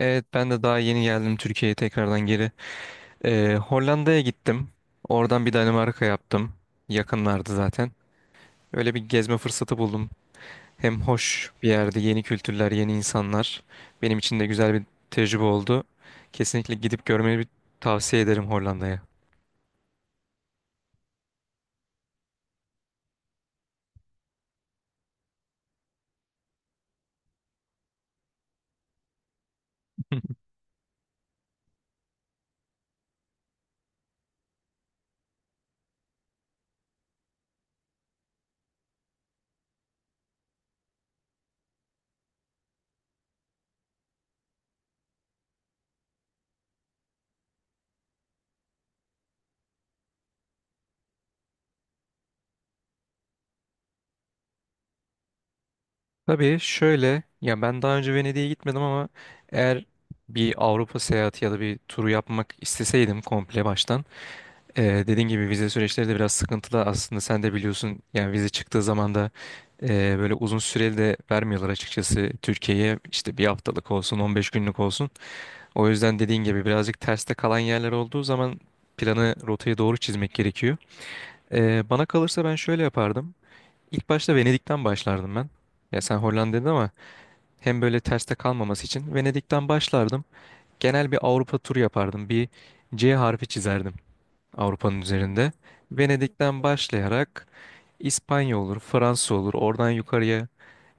Evet ben de daha yeni geldim Türkiye'ye tekrardan geri. Hollanda'ya gittim. Oradan bir Danimarka yaptım. Yakınlardı zaten. Öyle bir gezme fırsatı buldum. Hem hoş bir yerde yeni kültürler, yeni insanlar. Benim için de güzel bir tecrübe oldu. Kesinlikle gidip görmeyi bir tavsiye ederim Hollanda'ya. Tabii şöyle ya ben daha önce Venedik'e gitmedim ama eğer bir Avrupa seyahati ya da bir turu yapmak isteseydim komple baştan. Dediğin gibi vize süreçleri de biraz sıkıntılı aslında sen de biliyorsun yani vize çıktığı zaman da böyle uzun süreli de vermiyorlar açıkçası Türkiye'ye işte bir haftalık olsun 15 günlük olsun. O yüzden dediğin gibi birazcık terste kalan yerler olduğu zaman planı rotayı doğru çizmek gerekiyor. Bana kalırsa ben şöyle yapardım. İlk başta Venedik'ten başlardım ben. Ya sen Hollanda dedin ama hem böyle terste kalmaması için Venedik'ten başlardım. Genel bir Avrupa turu yapardım. Bir C harfi çizerdim. Avrupa'nın üzerinde. Venedik'ten başlayarak İspanya olur, Fransa olur. Oradan yukarıya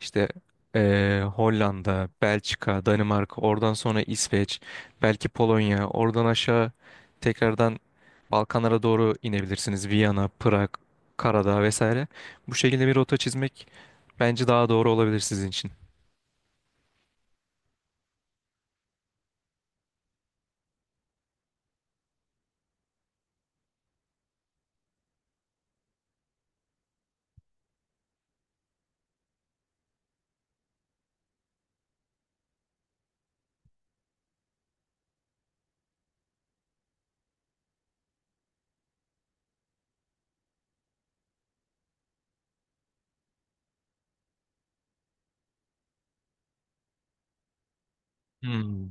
işte Hollanda, Belçika, Danimarka, oradan sonra İsveç, belki Polonya, oradan aşağı tekrardan Balkanlara doğru inebilirsiniz. Viyana, Prag, Karadağ vesaire. Bu şekilde bir rota çizmek bence daha doğru olabilir sizin için. Hmm.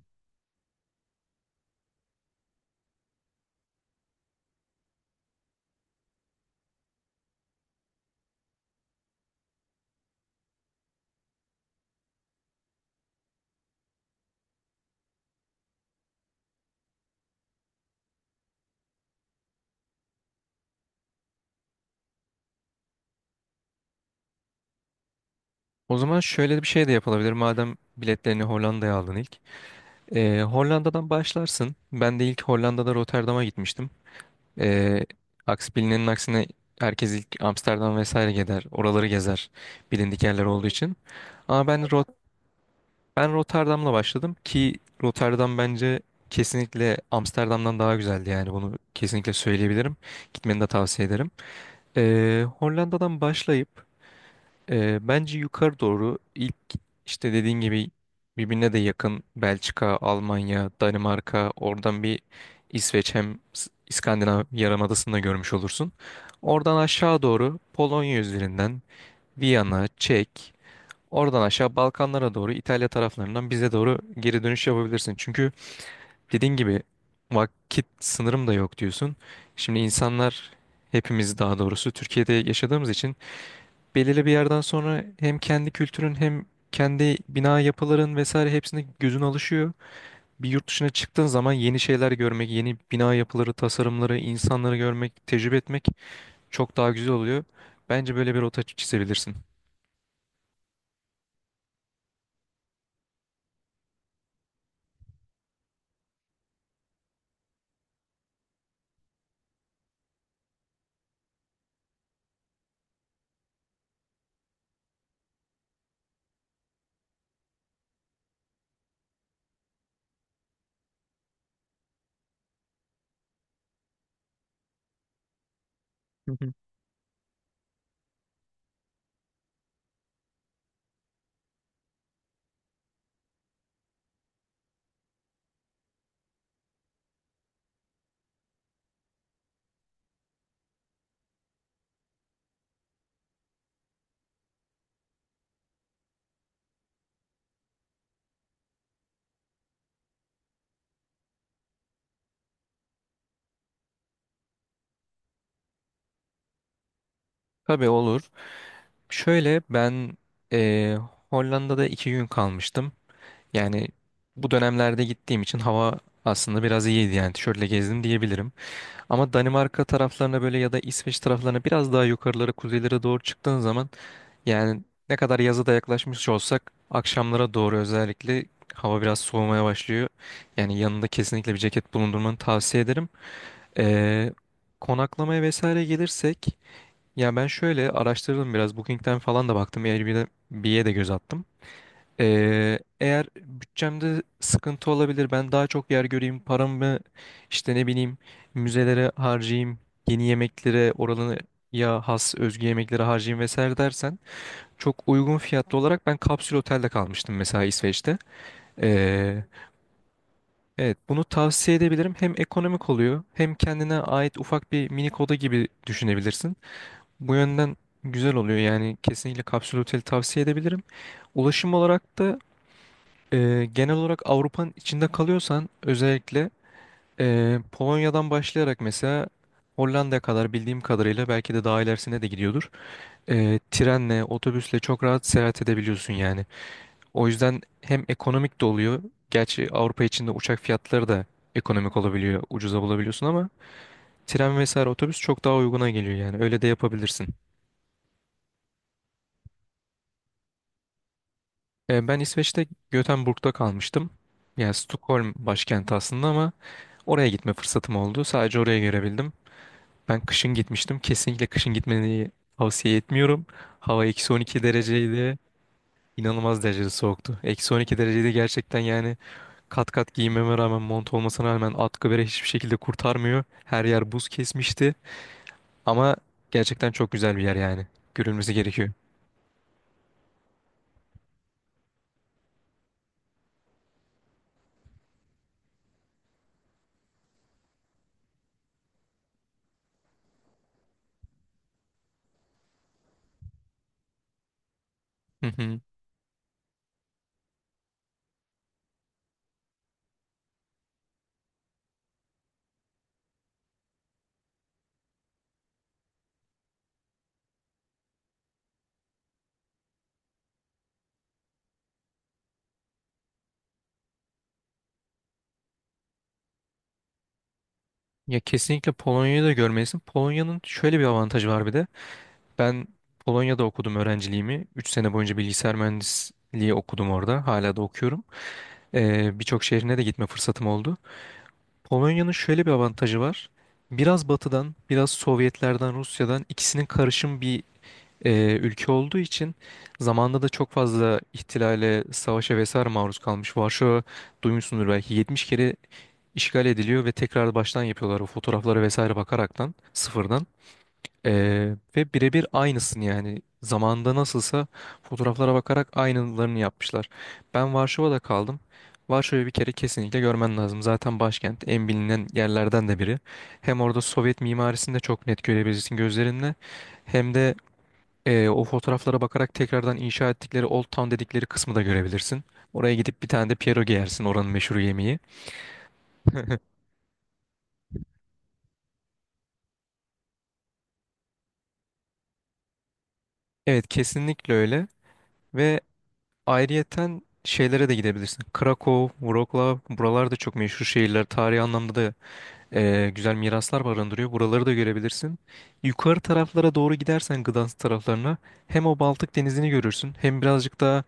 O zaman şöyle bir şey de yapılabilir. Madem biletlerini Hollanda'ya aldın ilk. Hollanda'dan başlarsın. Ben de ilk Hollanda'da Rotterdam'a gitmiştim. Ee, aksi bilinenin aksine herkes ilk Amsterdam vesaire gider. Oraları gezer. Bilindik yerler olduğu için. Ama ben Rotterdam'la başladım ki Rotterdam bence kesinlikle Amsterdam'dan daha güzeldi yani bunu kesinlikle söyleyebilirim. Gitmeni de tavsiye ederim. Hollanda'dan başlayıp bence yukarı doğru ilk işte dediğin gibi birbirine de yakın Belçika, Almanya, Danimarka oradan bir İsveç hem İskandinav Yarımadası'nı da görmüş olursun. Oradan aşağı doğru Polonya üzerinden Viyana, Çek, oradan aşağı Balkanlara doğru İtalya taraflarından bize doğru geri dönüş yapabilirsin. Çünkü dediğin gibi vakit sınırım da yok diyorsun. Şimdi hepimiz daha doğrusu Türkiye'de yaşadığımız için belirli bir yerden sonra hem kendi kültürün hem kendi bina yapıların vesaire hepsine gözün alışıyor. Bir yurt dışına çıktığın zaman yeni şeyler görmek, yeni bina yapıları, tasarımları, insanları görmek, tecrübe etmek çok daha güzel oluyor. Bence böyle bir rota çizebilirsin. Hı hı. Tabii olur. Şöyle ben eee, Hollanda'da iki gün kalmıştım. Yani bu dönemlerde gittiğim için hava aslında biraz iyiydi yani tişörtle gezdim diyebilirim. Ama Danimarka taraflarına böyle ya da İsveç taraflarına biraz daha yukarılara, kuzeylere doğru çıktığın zaman yani ne kadar yaza da yaklaşmış olsak akşamlara doğru özellikle hava biraz soğumaya başlıyor. Yani yanında kesinlikle bir ceket bulundurmanı tavsiye ederim. Ee, Konaklamaya vesaire gelirsek ya ben şöyle araştırdım biraz Booking'den falan da baktım Airbnb'ye de göz attım. Eğer bütçemde sıkıntı olabilir, ben daha çok yer göreyim, paramı işte ne bileyim müzelere harcayayım, yeni yemeklere oranın ya has özgü yemeklere harcayayım vesaire dersen çok uygun fiyatlı olarak ben kapsül otelde kalmıştım mesela İsveç'te. Ee, evet bunu tavsiye edebilirim. Hem ekonomik oluyor hem kendine ait ufak bir minik oda gibi düşünebilirsin. Bu yönden güzel oluyor yani kesinlikle kapsül oteli tavsiye edebilirim. Ulaşım olarak da genel olarak Avrupa'nın içinde kalıyorsan özellikle Polonya'dan başlayarak mesela Hollanda'ya kadar bildiğim kadarıyla belki de daha ilerisine de gidiyordur. Trenle, otobüsle çok rahat seyahat edebiliyorsun yani. O yüzden hem ekonomik de oluyor. Gerçi Avrupa içinde uçak fiyatları da ekonomik olabiliyor, ucuza bulabiliyorsun ama tren vesaire otobüs çok daha uyguna geliyor yani. Öyle de yapabilirsin. Ben İsveç'te Göteborg'da kalmıştım. Yani Stockholm başkenti aslında ama oraya gitme fırsatım oldu. Sadece oraya görebildim. Ben kışın gitmiştim. Kesinlikle kışın gitmeni tavsiye etmiyorum. Hava eksi 12 dereceydi. İnanılmaz derecede soğuktu. Eksi 12 derecede gerçekten yani kat kat giyinmeme rağmen mont olmasına rağmen atkı bere hiçbir şekilde kurtarmıyor. Her yer buz kesmişti. Ama gerçekten çok güzel bir yer yani. Görülmesi gerekiyor. Hı hı. Ya kesinlikle Polonya'yı da görmelisin. Polonya'nın şöyle bir avantajı var bir de. Ben Polonya'da okudum öğrenciliğimi. 3 sene boyunca bilgisayar mühendisliği okudum orada. Hala da okuyorum. Birçok şehrine de gitme fırsatım oldu. Polonya'nın şöyle bir avantajı var. Biraz batıdan, biraz Sovyetlerden, Rusya'dan ikisinin karışım bir ülke olduğu için zamanında da çok fazla ihtilale, savaşa vesaire maruz kalmış. Varşova duymuşsundur belki 70 kere işgal ediliyor ve tekrar baştan yapıyorlar o fotoğraflara vesaire bakaraktan sıfırdan. Ve birebir aynısını yani zamanında nasılsa fotoğraflara bakarak aynılarını yapmışlar. Ben Varşova'da kaldım. Varşova'yı bir kere kesinlikle görmen lazım. Zaten başkent en bilinen yerlerden de biri. Hem orada Sovyet mimarisini de çok net görebilirsin gözlerinle. Hem de o fotoğraflara bakarak tekrardan inşa ettikleri Old Town dedikleri kısmı da görebilirsin. Oraya gidip bir tane de pierogi yersin oranın meşhur yemeği. Evet kesinlikle öyle. Ve ayrıyeten şeylere de gidebilirsin. Krakow, Wrocław buralar da çok meşhur şehirler. Tarihi anlamda da güzel miraslar barındırıyor. Buraları da görebilirsin. Yukarı taraflara doğru gidersen Gdansk taraflarına hem o Baltık denizini görürsün hem birazcık daha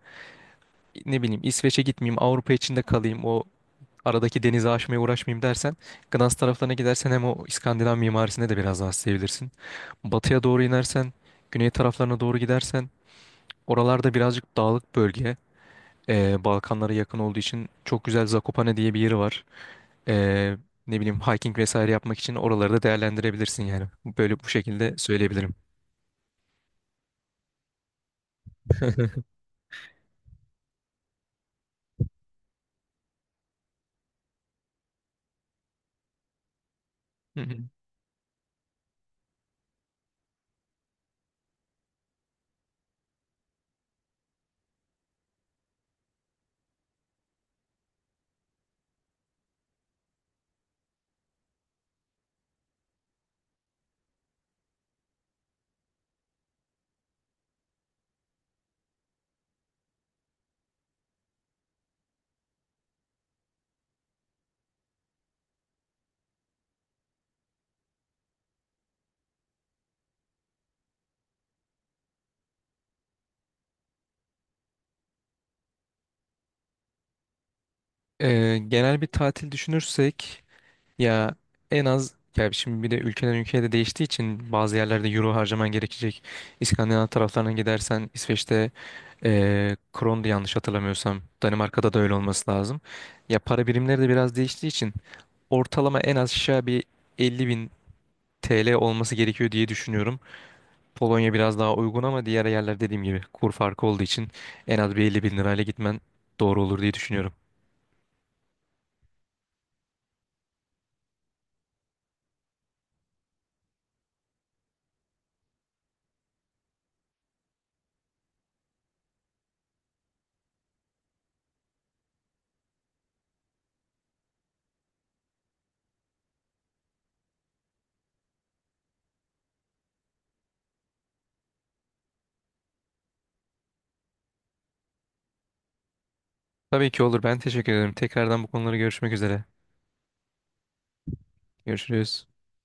ne bileyim İsveç'e gitmeyeyim Avrupa içinde kalayım o aradaki denizi aşmaya uğraşmayayım dersen Gdansk taraflarına gidersen hem o İskandinav mimarisine de biraz daha sevebilirsin. Batıya doğru inersen güney taraflarına doğru gidersen oralarda birazcık dağlık bölge Balkanlara yakın olduğu için çok güzel Zakopane diye bir yeri var. Ee, Ne bileyim hiking vesaire yapmak için oraları da değerlendirebilirsin yani. Böyle bu şekilde söyleyebilirim. Hı hı. Genel bir tatil düşünürsek ya en az ya şimdi bir de ülkeden ülkeye de değiştiği için bazı yerlerde euro harcaman gerekecek. İskandinav taraflarına gidersen İsveç'te krondu yanlış hatırlamıyorsam. Danimarka'da da öyle olması lazım. Ya para birimleri de biraz değiştiği için ortalama en az aşağı bir 50 bin TL olması gerekiyor diye düşünüyorum. Polonya biraz daha uygun ama diğer yerler dediğim gibi kur farkı olduğu için en az bir 50 bin lirayla gitmen doğru olur diye düşünüyorum. Tabii ki olur. Ben teşekkür ederim. Tekrardan bu konuları görüşmek üzere. Görüşürüz.